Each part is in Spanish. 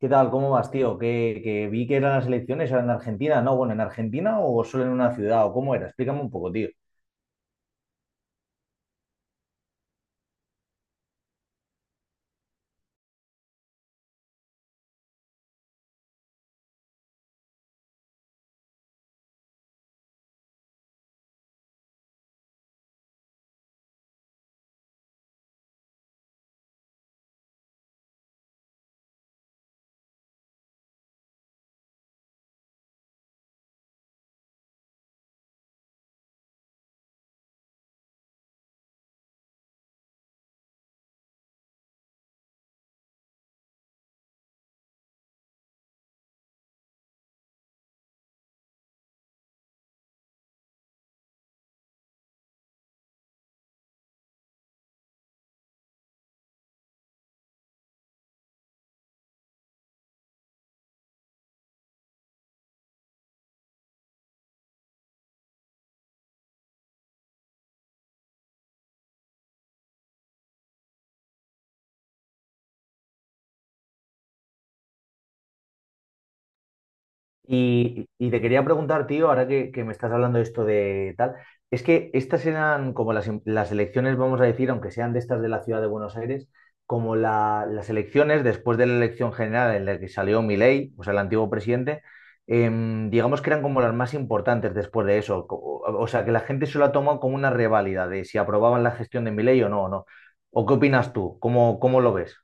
¿Qué tal? ¿Cómo vas, tío? Que vi que eran las elecciones, eran en Argentina, ¿no? Bueno, ¿en Argentina o solo en una ciudad? ¿O cómo era? Explícame un poco, tío. Y te quería preguntar, tío, ahora que, me estás hablando de esto de tal, es que estas eran como las elecciones, vamos a decir, aunque sean de estas de la ciudad de Buenos Aires, como las elecciones después de la elección general en la que salió Milei, o sea, el antiguo presidente, digamos que eran como las más importantes después de eso. O sea, que la gente se lo ha tomado como una reválida de si aprobaban la gestión de Milei o no, o no. ¿O qué opinas tú? ¿Cómo, cómo lo ves?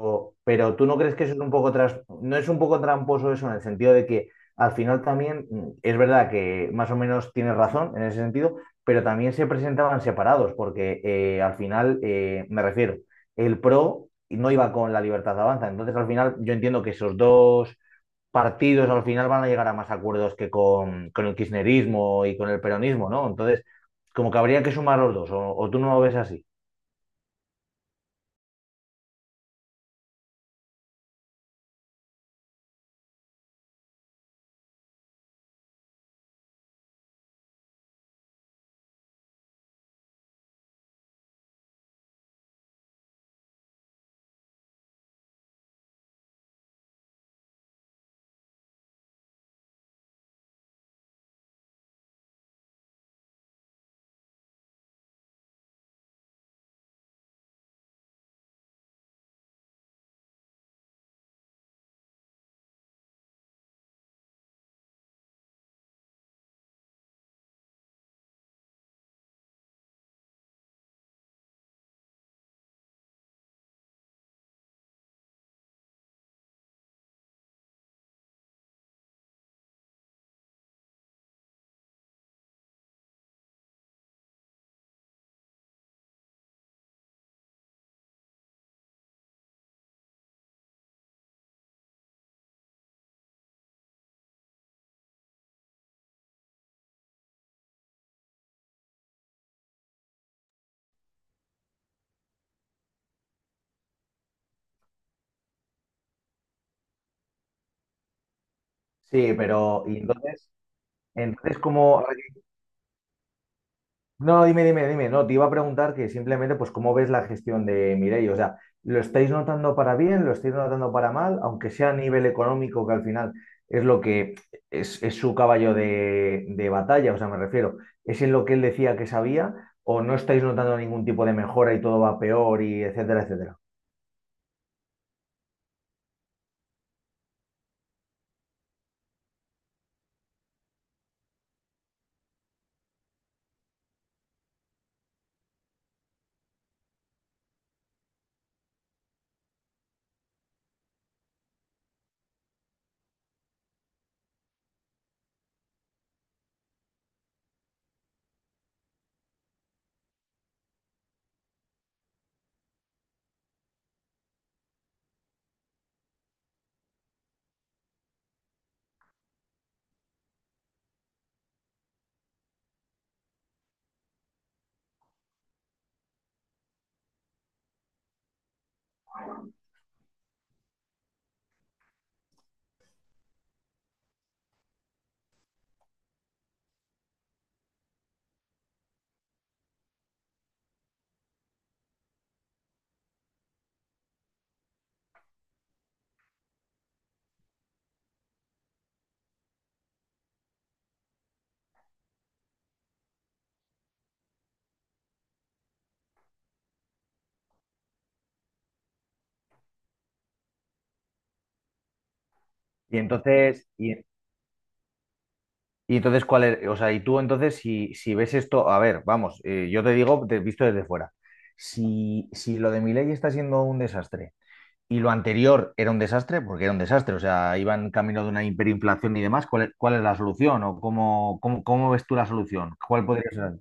Pero tú no crees que eso es un poco no es un poco tramposo eso en el sentido de que al final también es verdad que más o menos tienes razón en ese sentido, pero también se presentaban separados porque al final me refiero, el PRO no iba con la Libertad Avanza, entonces al final yo entiendo que esos dos partidos al final van a llegar a más acuerdos que con, el kirchnerismo y con el peronismo, ¿no? Entonces como que habría que sumar los dos, o tú no lo ves así. Sí, pero y entonces, entonces como no, dime, dime, dime. No, te iba a preguntar que simplemente, pues, ¿cómo ves la gestión de Mireia? O sea, ¿lo estáis notando para bien? ¿Lo estáis notando para mal? Aunque sea a nivel económico, que al final es lo que es, su caballo de, batalla, o sea, me refiero, ¿es en lo que él decía que sabía? ¿O no estáis notando ningún tipo de mejora y todo va peor y etcétera, etcétera? Y entonces, y, y entonces, ¿cuál es? O sea, y tú entonces, si, ves esto, a ver, vamos, yo te digo, te, visto desde fuera, si, lo de Milei está siendo un desastre y lo anterior era un desastre, porque era un desastre, o sea, iban camino de una hiperinflación y demás, cuál es la solución? ¿O cómo, cómo, cómo ves tú la solución? ¿Cuál podría ser?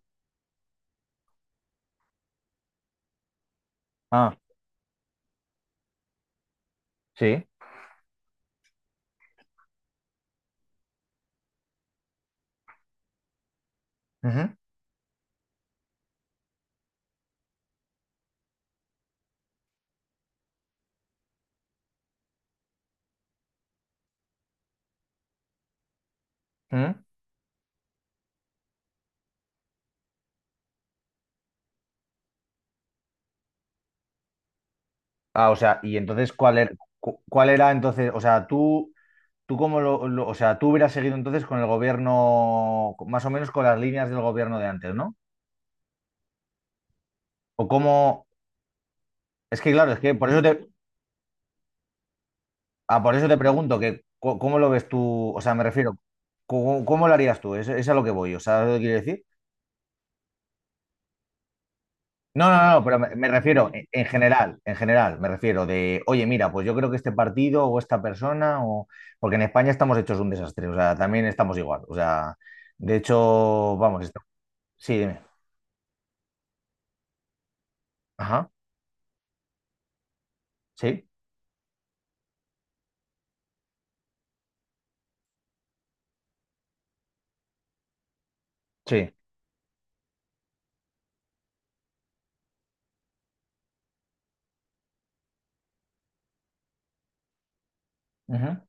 Ah, sí. Ujú, ujú. Ah, o sea, y entonces, ¿cuál era, cuál era entonces? O sea, tú cómo lo, o sea, tú hubieras seguido entonces con el gobierno, más o menos con las líneas del gobierno de antes, ¿no? O cómo, es que claro, es que por eso te, ah, por eso te pregunto que cómo lo ves tú, o sea, me refiero, ¿cómo, cómo lo harías tú? Es a lo que voy, o sea, ¿sabes lo que quiero decir? No, pero me, refiero en, general, en general, me refiero de, oye, mira, pues yo creo que este partido o esta persona, o porque en España estamos hechos un desastre, o sea, también estamos igual, o sea, de hecho, vamos, sí, dime, ajá, sí, sí, ujú,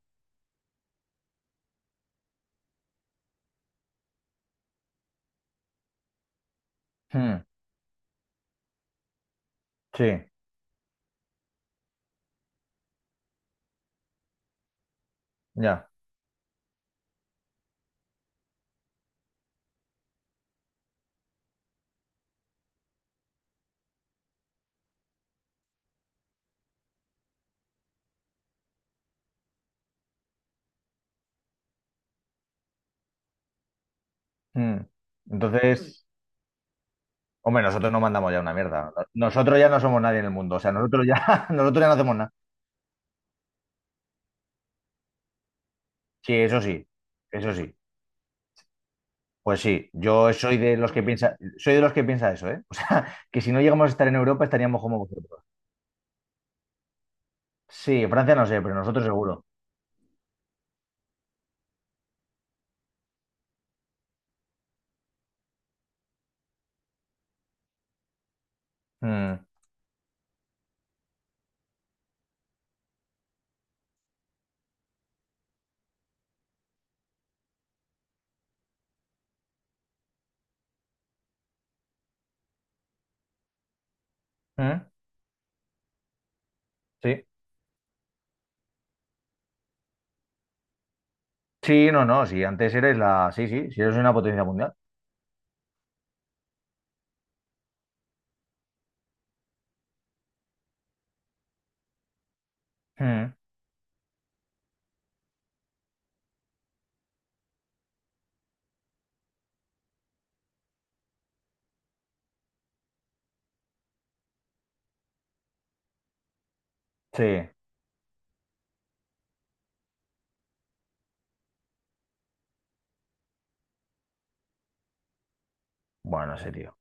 mm, sí, ya, mm. Entonces, hombre, nosotros no mandamos ya una mierda, nosotros ya no somos nadie en el mundo, o sea, nosotros ya, nosotros ya no hacemos nada, sí, eso sí, eso sí. Pues sí, yo soy de los que piensa, soy de los que piensa eso, ¿eh? O sea, que si no llegamos a estar en Europa estaríamos como vosotros. Sí, Francia no sé, pero nosotros seguro. Mm. Mm. Sí. Sí, no, no, sí, antes eres la. Sí, sí, sí, eres una potencia mundial. Mm. Sí. Bueno, no sé, tío.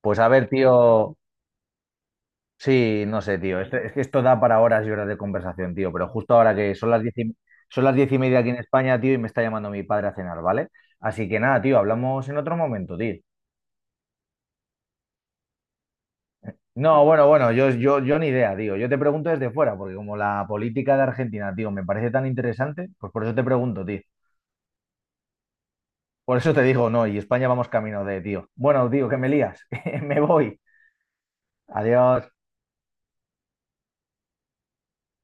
Pues a ver, tío. Sí, no sé, tío. Es que esto da para horas y horas de conversación, tío. Pero justo ahora que son las diez y, son las 10:30 aquí en España, tío, y me está llamando mi padre a cenar, ¿vale? Así que nada, tío, hablamos en otro momento, tío. No, bueno, bueno, yo ni idea, tío. Yo te pregunto desde fuera, porque como la política de Argentina, tío, me parece tan interesante, pues por eso te pregunto, tío. Por eso te digo, no, y España vamos camino de, tío. Bueno, tío, que me lías, me voy. Adiós.